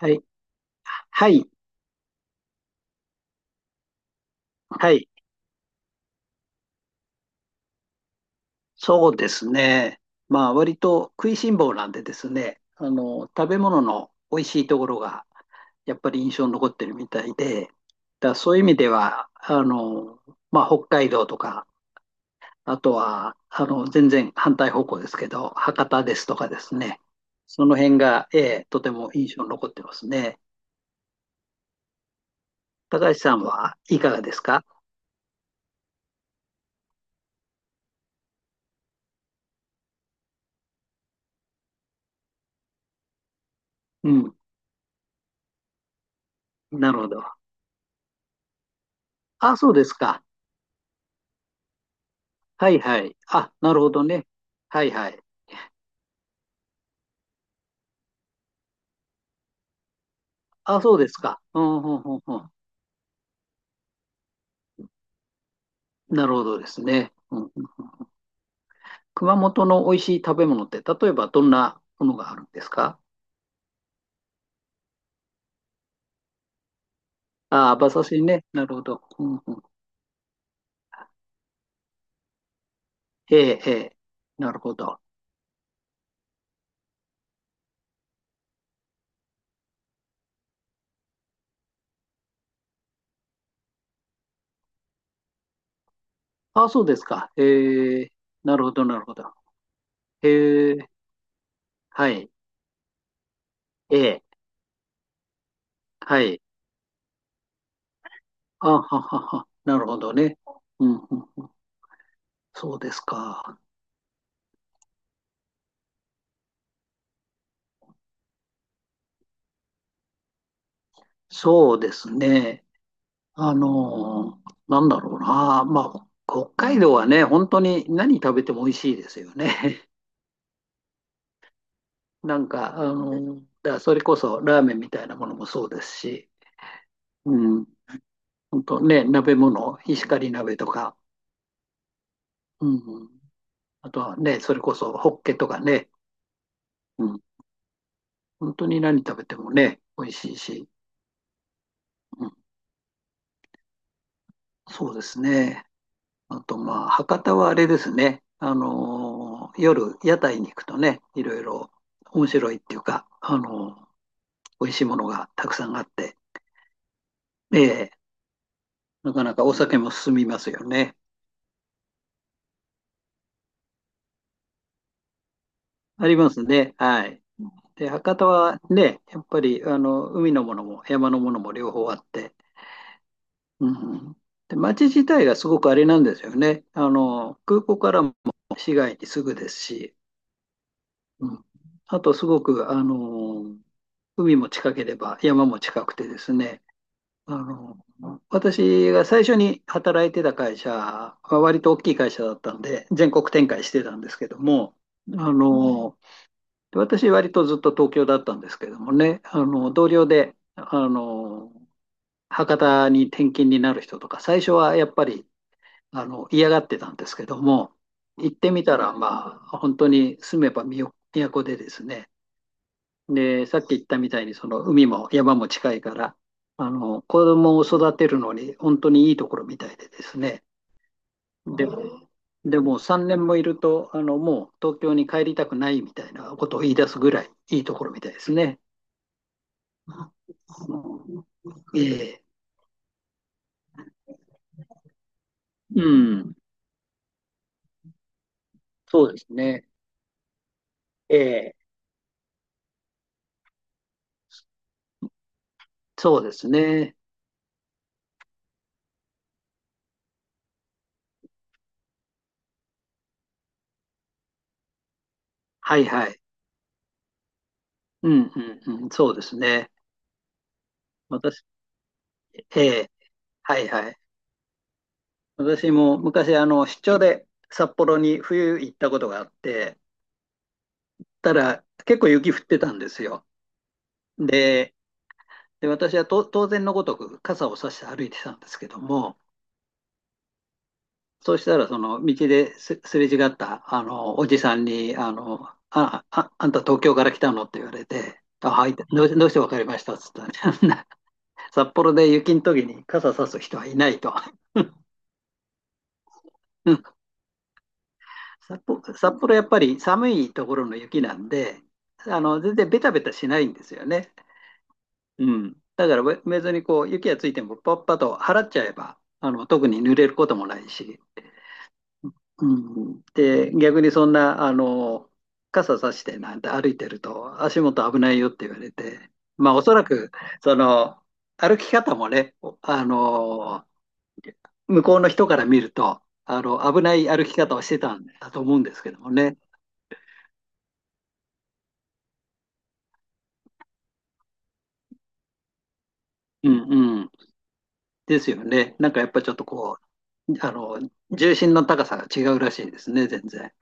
はい。はい。はい。そうですね。まあ、割と食いしん坊なんでですね、食べ物の美味しいところが、やっぱり印象に残ってるみたいで、だからそういう意味では、まあ、北海道とか、あとは、全然反対方向ですけど、博多ですとかですね、その辺が、ええ、とても印象に残ってますね。高橋さんはいかがですか？うん。なるほど。あ、そうですか。はいはい。あ、なるほどね。はいはい。あ、そうですか。うん、うん、うん、うん。なるほどですね。うん、熊本の美味しい食べ物って、例えばどんなものがあるんですか？あ、馬刺しね。なるほど。うん、うん。ええ、ええ。なるほど。あ、そうですか。ええ、なるほど、なるほど。ええ、はい。ええ、はい。あ、ははは。なるほどね。うん、うん。そうですか。そうですね。なんだろうな。まあ、北海道はね、本当に何食べても美味しいですよね。なんか、だからそれこそラーメンみたいなものもそうですし、うん、本当ね、鍋物、石狩鍋とか、うん、あとはね、それこそホッケとかね、うん、本当に何食べてもね、美味しいし、うん、そうですね。あと、まあ、博多はあれですね。夜、屋台に行くとね、いろいろ面白いっていうか、美味しいものがたくさんあって、ええ、なかなかお酒も進みますよね。ありますね。はい。で、博多はね、やっぱり、海のものも山のものも両方あって、うん。で、街自体がすごくあれなんですよね。空港からも市街にすぐですし、うん、あとすごく、海も近ければ山も近くてですね、あの、私が最初に働いてた会社は割と大きい会社だったんで、全国展開してたんですけども、あの、私割とずっと東京だったんですけどもね、同僚で、博多に転勤になる人とか、最初はやっぱり、嫌がってたんですけども、行ってみたら、まあ、本当に住めば都でですね、で、さっき言ったみたいに、その海も山も近いから、子供を育てるのに本当にいいところみたいでですね。で、でも3年もいると、もう東京に帰りたくないみたいなことを言い出すぐらいいいところみたいですね。ええ、うん、そうですね。ええ、そうですね。はいはい。うんうんうん、そうですね。私、ええ、はいはい。私も昔、出張で札幌に冬行ったことがあって、たら結構雪降ってたんですよ。で、で私はと当然のごとく傘を差して歩いてたんですけども、そうしたらその道ですすれ違ったあのおじさんに、あんた東京から来たのって言われて、あ、はい、どうして分かりましたっつったら、札幌で雪の時に傘差す人はいないと。札幌やっぱり寒いところの雪なんで、全然ベタベタしないんですよね。うん。だから別にこう、雪がついてもパッパッと払っちゃえば、特に濡れることもないし。うん。で、逆にそんな、傘さしてなんて歩いてると足元危ないよって言われて、まあおそらく、その、歩き方もね、あの、向こうの人から見ると、危ない歩き方をしてたんだと思うんですけどもね。うんうん。ですよね。なんかやっぱちょっとこう、重心の高さが違うらしいですね、全然。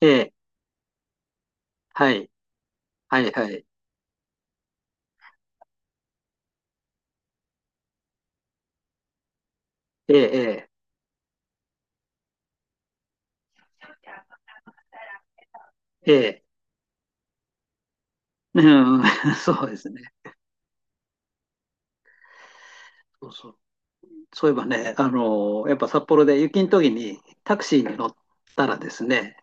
ええ、はい、はい、はい。ええ、ええ、ええ。うん、そうですね。そうそう。そういえばね、やっぱ札幌で雪の時にタクシーに乗ったらですね、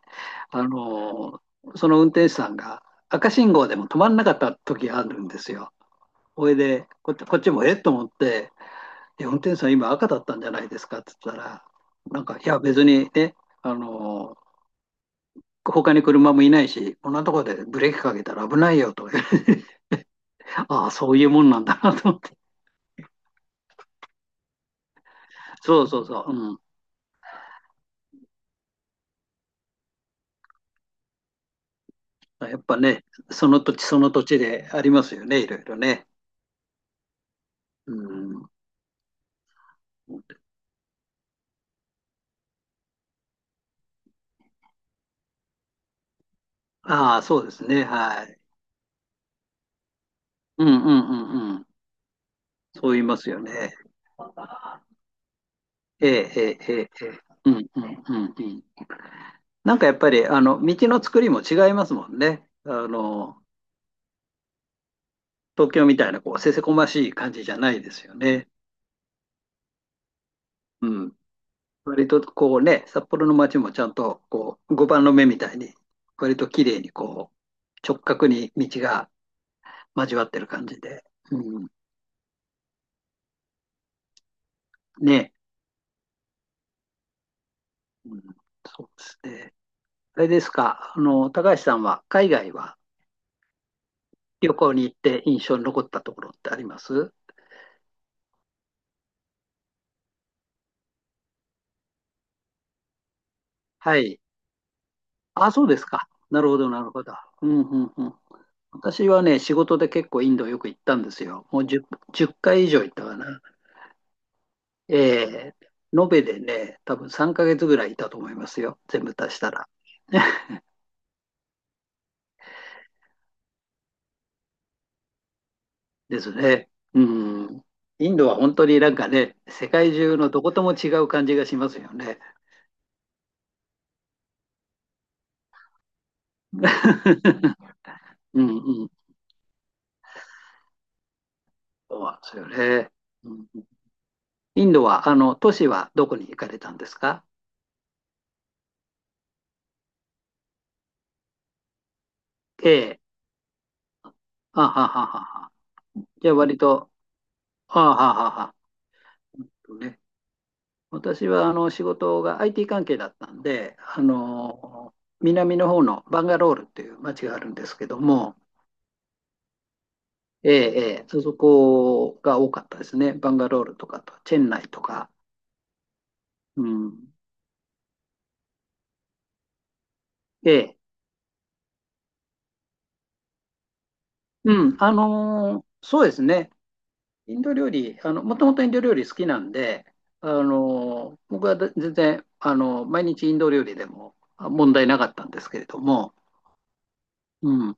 あの、その運転手さんが赤信号でも止まんなかった時あるんですよ。ほいで、こっちもえっと思って、え、運転手さん今赤だったんじゃないですかって言ったら、なんか、いや別にね、あの、他に車もいないし、こんなところでブレーキかけたら危ないよとか言われて、ああ、そういうもんなんだなと思って。そうそうそう。うん。やっぱね、その土地その土地でありますよね、いろいろね。うん。ああ、そうですね。はい。うんうんうんうん。そう言いますよね。ええ、ええ、ええ。ええ、うんうんうんうん。なんかやっぱり、道の作りも違いますもんね。東京みたいな、こう、せせこましい感じじゃないですよね。うん。割とこうね、札幌の街もちゃんとこう碁盤の目みたいに、割と綺麗にこう直角に道が交わってる感じで、うん、ね、うん、そうですね。あれですか、高橋さんは海外は旅行に行って印象に残ったところってあります？はい。あ、そうですか。なるほど、なるほど。うんうんうん。私はね、仕事で結構インドよく行ったんですよ。もう 10回以上行ったかな。え延べでね、多分3ヶ月ぐらいいたと思いますよ。全部足したら。ですね。うん。インドは本当になんかね、世界中のどことも違う感じがしますよね。うんうん。そうなんですよね。うん、インドは、都市はどこに行かれたんですか？ A あはははは。じゃあ割と、あはははは。ね、私はあの仕事が IT 関係だったんで、南の方のバンガロールっていう町があるんですけども、ええ、ええ、そこが多かったですね。バンガロールとかと、チェンナイとか。うん、ええ、うん、あのそうですね。インド料理、もともとインド料理好きなんで、あの僕は全然、あの毎日インド料理でもあ問題なかったんですけれども、うん。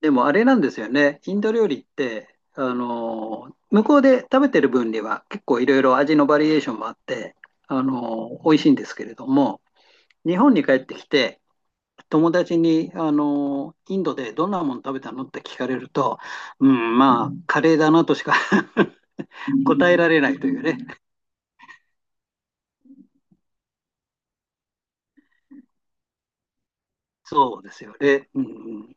でもあれなんですよね。インド料理って、あの向こうで食べてる分には結構いろいろ味のバリエーションもあって、あの美味しいんですけれども、日本に帰ってきて、友達に、あのインドでどんなもの食べたのって聞かれると、うん、まあ、カレーだなとしか 答えられないというね。そうですよね。うんうん。